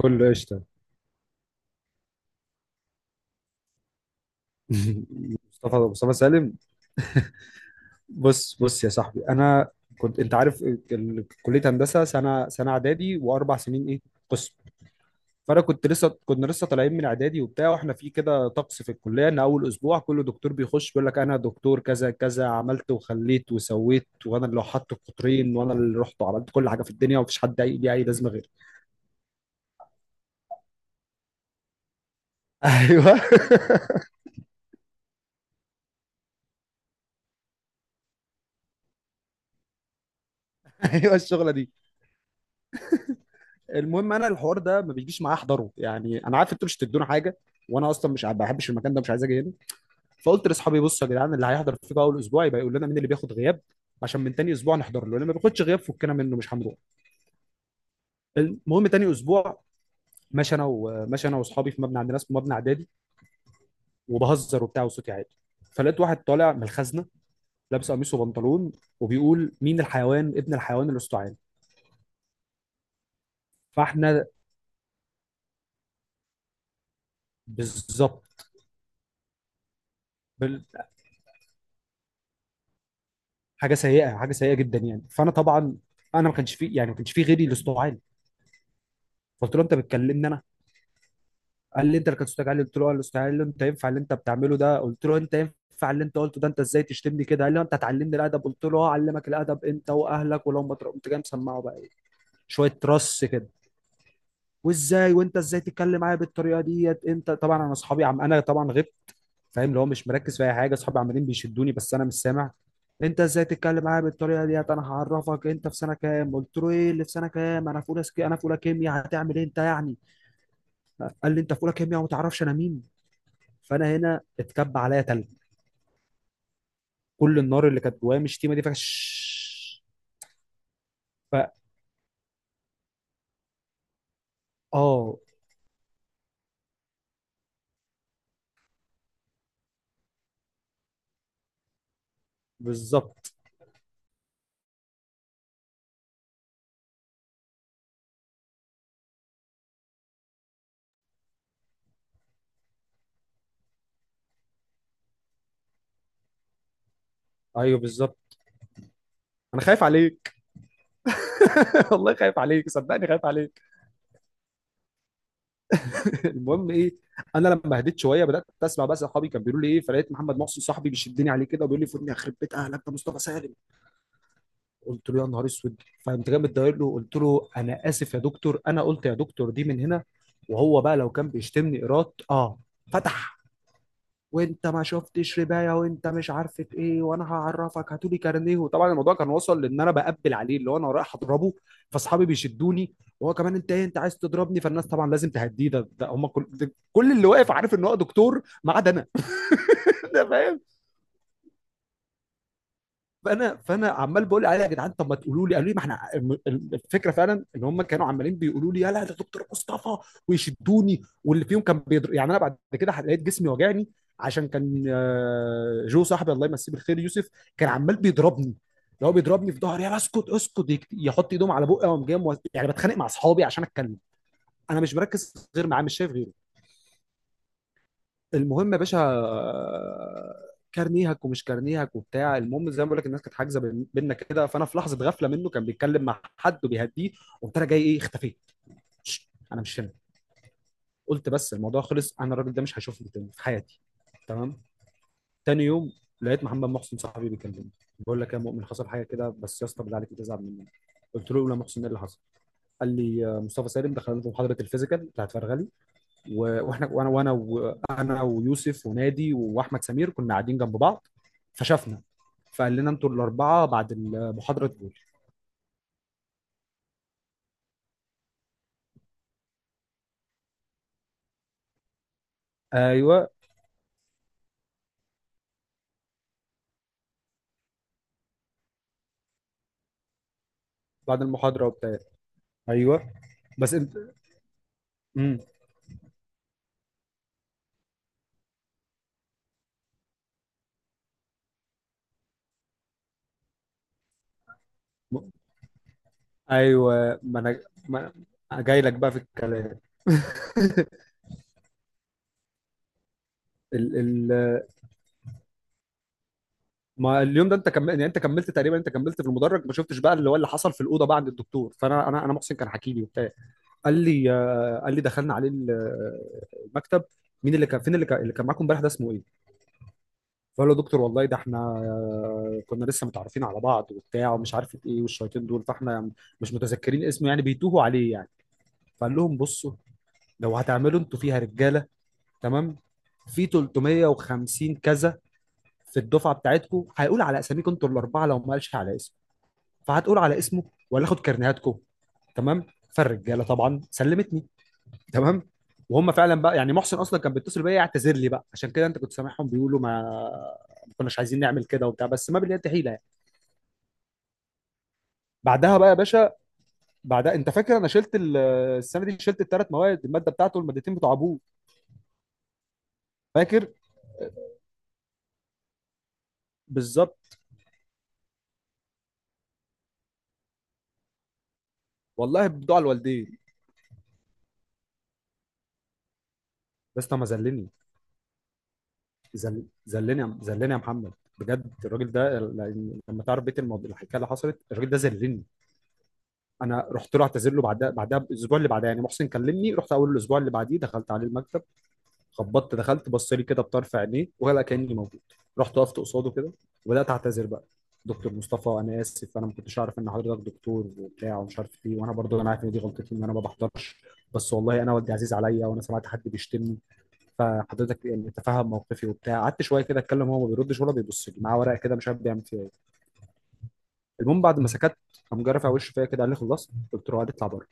كله قشطه. مصطفى سالم. بص بص يا صاحبي، انا كنت، انت عارف كليه هندسه سنه اعدادي واربع سنين ايه، قسم. فانا كنت لسه كنا لسه طالعين من اعدادي وبتاع، واحنا في كده طقس في الكليه ان اول اسبوع كل دكتور بيخش بيقول لك انا دكتور كذا كذا، عملت وخليت وسويت، وانا اللي حط القطرين وانا اللي رحت وعملت كل حاجه في الدنيا، ومفيش حد ليه اي لازمه غيري. ايوه. ايوه، الشغله دي. المهم انا الحوار ده ما بيجيش معايا احضره، يعني انا عارف انتوا مش هتدونا حاجه، وانا اصلا مش، ما بحبش المكان ده، مش عايز اجي هنا. فقلت لاصحابي بصوا يا جدعان، اللي هيحضر فيكم اول اسبوع يبقى يقول لنا مين اللي بياخد غياب، عشان من تاني اسبوع نحضر له اللي ما بياخدش غياب، فكنا منه مش هنروح. المهم تاني اسبوع، ماشي انا، وماشي انا واصحابي في مبنى عندنا اسمه مبنى اعدادي، وبهزر وبتاع وصوتي عالي، فلقيت واحد طالع من الخزنه، لابس قميص وبنطلون، وبيقول مين الحيوان ابن الحيوان الاستعان. فاحنا، بالظبط، حاجه سيئه، حاجه سيئه جدا يعني. فانا طبعا، انا ما كانش في، يعني ما كانش في غيري اللي استوعب علي. قلت له انت بتكلمني انا؟ قال لي انت اللي كنت استوعب علي. قلت له اه اللي استوعب علي، انت ينفع اللي انت بتعمله ده؟ قلت له انت ينفع اللي انت قلته ده، انت ازاي تشتمني كده؟ قال لي آه، انت هتعلمني الادب؟ قلت له اه اعلمك الادب انت واهلك، ولو ما تر-، قمت جاي مسمعه بقى ايه، شويه رص كده، وازاي، وانت ازاي تتكلم معايا بالطريقه ديت؟ انت طبعا، انا اصحابي عم، انا طبعا غبت، فاهم، اللي هو مش مركز في اي حاجه، اصحابي عمالين بيشدوني بس انا مش سامع. انت ازاي تتكلم معايا بالطريقه ديت، انا هعرفك، انت في سنه كام؟ قلت له ايه اللي في سنه كام، انا في انا في اولى كيمياء، هتعمل ايه انت يعني؟ قال لي انت في اولى كيمياء وما تعرفش انا مين؟ فانا هنا اتكب عليا تلج، كل النار اللي كانت جوايا من الشتيمه دي فش. ف، اه، بالظبط. ايوه بالظبط، انا خايف عليك. والله خايف عليك، صدقني خايف عليك. المهم ايه، انا لما هديت شويه بدات اسمع بقى صحابي كانوا بيقولوا لي ايه، فلقيت محمد محسن صاحبي بيشدني عليه كده وبيقول لي فودني، يخرب بيت اهلك ده مصطفى سالم. قلت له يا نهار اسود. فقمت جامد داير له، قلت له انا اسف يا دكتور، انا قلت يا دكتور دي من هنا، وهو بقى لو كان بيشتمني ايراد اه، فتح، وانت ما شفتش ربايه، وانت مش عارف ايه، وانا هعرفك، هاتولي كارنيه. وطبعا الموضوع كان وصل لان انا بقبل عليه اللي هو انا رايح اضربه، فاصحابي بيشدوني، وهو كمان، انت ايه انت عايز تضربني؟ فالناس طبعا لازم تهديه، ده كل اللي واقف عارف ان هو دكتور ما عدا انا. ده فاهم. فانا عمال بقول عليها يا جدعان، طب ما تقولوا لي، قالوا لي ما احنا، الفكره فعلا ان هم كانوا عمالين بيقولوا لي يلا ده دكتور مصطفى، ويشدوني، واللي فيهم كان بيضر يعني، انا بعد كده لقيت جسمي وجعني، عشان كان جو صاحبي الله يمسيه بالخير يوسف كان عمال بيضربني، اللي هو بيضربني في ظهري، يا اسكت اسكت، يك-، يحط ايدهم على بقي، وقام جاي مو-، يعني بتخانق مع اصحابي عشان اتكلم، انا مش مركز غير معاه، مش شايف غيره. المهم يا باشا، كارنيهك ومش كارنيهك وبتاع. المهم زي ما بقول لك، الناس كانت حاجزه بينا كده، فانا في لحظه غفله منه كان بيتكلم مع حد وبيهديه، قمت انا جاي ايه، اختفيت. شش، انا مش هنا. قلت بس الموضوع خلص، انا الراجل ده مش هشوفه تاني في حياتي. تمام. تاني يوم، لقيت محمد محسن صاحبي بيكلمني، بقول لك يا مؤمن حصل حاجه كده، بس يا اسطى بالله عليك تزعل مني. قلت له لا محسن ايه اللي حصل. قال لي مصطفى سالم دخلنا في محاضره الفيزيكال بتاعت فرغلي، و- واحنا وانا وانا وانا ويوسف ونادي واحمد سمير كنا قاعدين جنب بعض، فشافنا فقال لنا انتوا الاربعه بعد المحاضره دول. ايوه بعد المحاضره وبتاع. ايوه. بس انت، امم ايوه. ما انا، ما أنا جاي لك بقى في الكلام. ال ال ما اليوم ده انت كملت، يعني انت كملت تقريبا، انت كملت في المدرج، ما شفتش بقى اللي هو اللي حصل في الاوضه بقى عند الدكتور. فانا، انا انا محسن كان حكي لي وبتاع، قال لي دخلنا عليه المكتب، مين اللي كان، فين اللي كان، اللي كان معاكم امبارح ده اسمه ايه؟ فقال له دكتور والله ده احنا، كنا لسه متعرفين على بعض وبتاع ومش عارف ايه، والشياطين دول، فاحنا مش متذكرين اسمه يعني، بيتوهوا عليه يعني. فقال لهم بصوا، لو هتعملوا انتوا فيها رجاله، تمام، في 350 كذا في الدفعه بتاعتكم، هيقول على اساميكم انتوا الاربعه، لو ما قالش على اسمه فهتقول على اسمه، ولا اخد كرنيهاتكم. تمام، فالرجاله طبعا سلمتني. تمام. وهم فعلا بقى، يعني محسن اصلا كان بيتصل بيا يعتذر لي بقى، عشان كده انت كنت سامعهم بيقولوا، ما، كناش عايزين نعمل كده وبتاع، بس ما باليد حيله يعني. بعدها بقى يا باشا، بعدها انت فاكر، انا شلت السنه دي، شلت الثلاث مواد، الماده بتاعته والمادتين بتوع ابوه. فاكر. بالظبط، والله بدعاء الوالدين. بس ما ذلني. ذلني يا محمد، بجد الراجل ده، لما تعرف بيت الموضوع الحكايه اللي حصلت، الراجل ده ذلني. انا رحت له اعتذر له بعدها، بعدها الاسبوع اللي بعدها يعني، محسن كلمني، رحت اول الاسبوع اللي بعديه دخلت عليه المكتب، خبطت دخلت، بص لي كده بطرف عينيه ولا كاني موجود، رحت وقفت قصاده كده، وبدات اعتذر بقى. دكتور مصطفى انا اسف، انا ما كنتش اعرف ان حضرتك دكتور وبتاع ومش عارف ايه، وانا برضو انا عارف ان دي غلطتي ان انا ما بحضرش، بس والله انا والدي عزيز عليا وانا سمعت حد بيشتمني، فحضرتك يعني تفهم موقفي وبتاع. قعدت شويه كده اتكلم، هو ما بيردش ولا بيبص لي، معاه ورقه كده مش عارف بيعمل فيها ايه. المهم بعد ما سكت، قام جرف على وشه فيا كده، قال لي خلصت؟ قلت له، قال اطلع بره.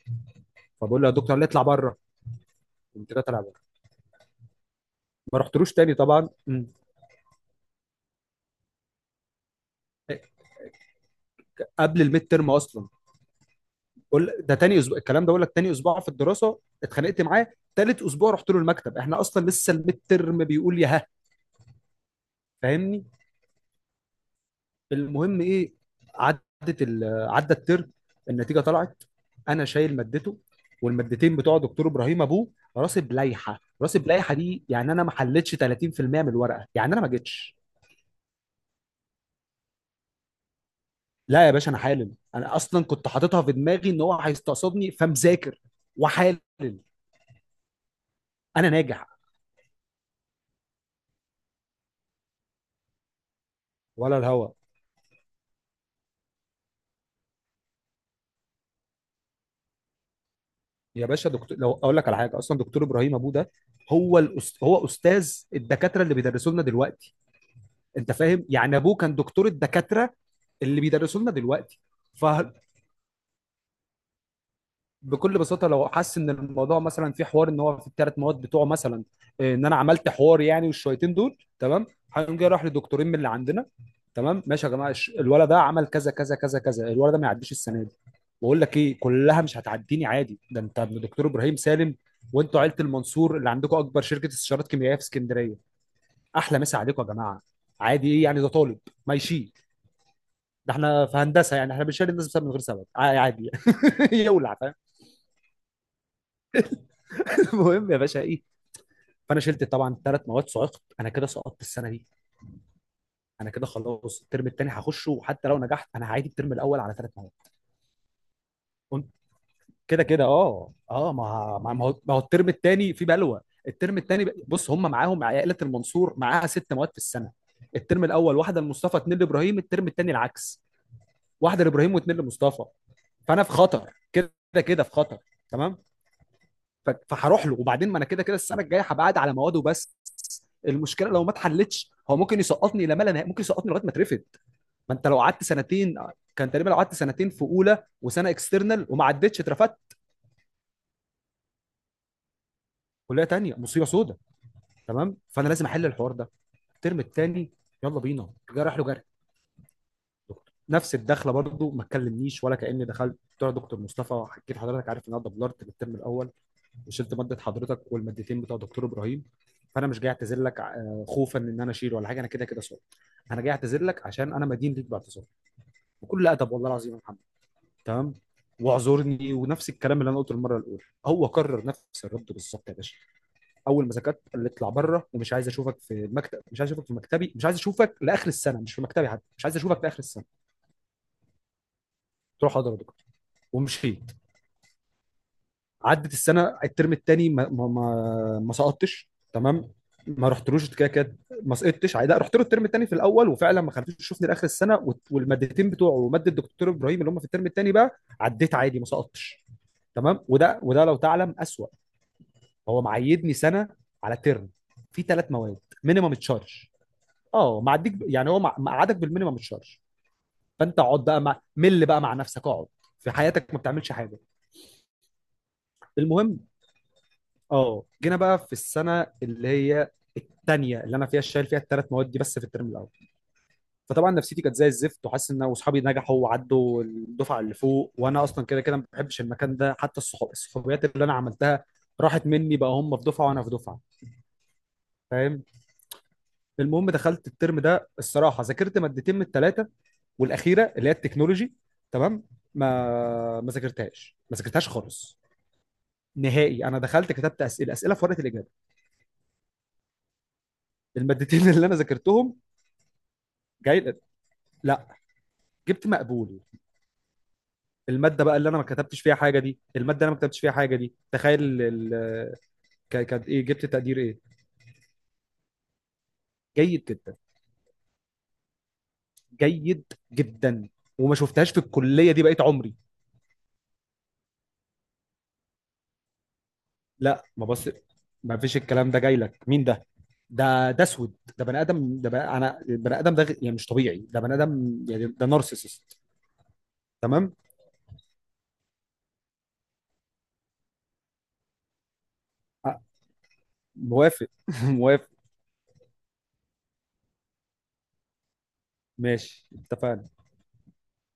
فبقول له يا دكتور، قال لي اطلع بره. قمت جاي طالع بره. ما رحتلوش تاني طبعا. قبل الميد ترم اصلا، بقول ده تاني اسبوع الكلام ده، بقول لك تاني اسبوع في الدراسه اتخانقت معاه، تالت اسبوع رحت له المكتب احنا اصلا لسه الميد ترم، بيقول يا ها، فاهمني؟ المهم ايه، عدت ال... عدى الترم، النتيجه طلعت، انا شايل مادته والمادتين بتوع دكتور ابراهيم ابوه، راسب لائحه راسب لائحه، دي يعني انا ما حلتش 30% من الورقه يعني انا ما جيتش. لا يا باشا انا حالل، انا اصلا كنت حاططها في دماغي ان هو هيستقصدني فمذاكر وحالل. انا ناجح ولا الهوا؟ يا باشا دكتور لو اقول لك على حاجه، اصلا دكتور ابراهيم ابوه ده، هو استاذ الدكاتره اللي بيدرسوا لنا دلوقتي، انت فاهم؟ يعني ابوه كان دكتور الدكاتره اللي بيدرسوا لنا دلوقتي. ف... بكل بساطه لو حس ان الموضوع مثلا في حوار ان هو في الثلاث مواد بتوعه مثلا، ان انا عملت حوار يعني والشويتين دول تمام، هيقوم جاي راح لدكتورين من اللي عندنا، تمام ماشي يا جماعه، الولد ده عمل كذا كذا كذا كذا، الولد ده ما يعديش السنه دي. بقول لك ايه، كلها مش هتعديني عادي، ده انت ابن دكتور ابراهيم سالم، وانتوا عيله المنصور اللي عندكم اكبر شركه استشارات كيميائيه في اسكندريه، احلى مسا عليكم يا جماعه، عادي ايه يعني، ده طالب ما يشيل، ده احنا في هندسه يعني احنا بنشيل الناس بسبب من غير سبب، عادي. يولع، فاهم. المهم يا باشا ايه، فانا شلت طبعا ثلاث مواد، صعقت انا كده، سقطت السنه دي، انا كده خلاص الترم الثاني هخشه، وحتى لو نجحت انا هعيد الترم الاول على ثلاث مواد. قمت كده كده، اه اه، ما ما هو الترم الثاني في بلوى. الترم الثاني بص، هم معاهم عائله المنصور معاها ست مواد في السنه، الترم الاول واحده لمصطفى اتنين لابراهيم، الترم الثاني العكس، واحده لابراهيم واتنين لمصطفى، فانا في خطر، كده كده في خطر، تمام. فهروح له، وبعدين ما انا كده كده السنه الجايه هبقى قاعد على مواد وبس، المشكله لو ما اتحلتش هو ممكن يسقطني لما لا ملا نهائي، ممكن يسقطني لغايه ما اترفد، ما انت لو قعدت سنتين، كان تقريبا لو قعدت سنتين في اولى وسنه اكسترنال وما عدتش اترفدت، كليه تانيه، مصيبه سودا. تمام، فانا لازم احل الحوار ده، الترم التاني يلا بينا، جرح له جرح، نفس الدخله، برضو ما تكلمنيش ولا كاني دخلت بتوع دكتور مصطفى، حكيت لحضرتك، عارف ان انا دبلرت الترم الاول وشلت ماده حضرتك والمادتين بتوع دكتور ابراهيم، فانا مش جاي اعتذر لك خوفا ان انا اشيل ولا حاجه، انا كده كده صار، انا جاي اعتذر لك عشان انا مدين ليك باعتذار، بكل ادب والله العظيم يا محمد، تمام، واعذرني. ونفس الكلام اللي انا قلته المره الاولى هو كرر نفس الرد بالظبط يا باشا، اول ما ذاكرت قال لي اطلع بره ومش عايز اشوفك في المكتب، مش عايز اشوفك في مكتبي، مش عايز اشوفك لاخر السنه، مش في مكتبي حتى، مش عايز اشوفك لاخر السنه. قلت له حاضر يا دكتور، ومشيت. عدت السنه الترم الثاني، ما سقطتش، تمام، ما رحتلوش كده كده، ما سقطتش عادي، لا، رحت له الترم الثاني في الاول، وفعلا ما خليتوش يشوفني لاخر السنه، وت-، والمادتين بتوعه وماده الدكتور ابراهيم اللي هم في الترم الثاني بقى، عديت عادي ما سقطتش. تمام. وده وده لو تعلم اسوأ، هو معيدني سنه على ترم في ثلاث مواد، مينيمم تشارج. اه معديك، مقعدك بالمينيمم تشارج، فانت اقعد بقى مع، مل بقى مع نفسك، اقعد في حياتك ما بتعملش حاجه. المهم اه، جينا بقى في السنه اللي هي الثانيه اللي انا فيها شايل فيها الثلاث مواد دي بس في الترم الاول. فطبعا نفسيتي كانت زي الزفت، وحاسس ان اصحابي نجحوا وعدوا الدفعه اللي فوق، وانا اصلا كده كده ما بحبش المكان ده، حتى الصحاب الصحوبيات اللي انا عملتها راحت مني بقى، هم في دفعه وانا في دفعه، فاهم. المهم دخلت الترم ده الصراحه ذاكرت مادتين من الثلاثه، والاخيره اللي هي التكنولوجي تمام، ما ذاكرتهاش ما ذاكرتهاش خالص نهائي، انا دخلت كتبت اسئله اسئله في ورقه الاجابه، المادتين اللي انا ذاكرتهم، جاي لا جبت مقبول. الماده بقى اللي انا ما كتبتش فيها حاجه، دي الماده انا ما كتبتش فيها حاجه، دي تخيل ال- كانت ايه، جبت تقدير ايه؟ جيد جدا. جيد جدا. وما شفتهاش في الكليه دي بقيت عمري. لا ما بص، ما فيش الكلام ده، جاي لك مين ده؟ ده اسود، ده بني ادم، انا بني ادم، ده يعني مش طبيعي ده بني ادم، يعني ده نارسيسست. تمام. أه، موافق. موافق. ماشي، اتفقنا.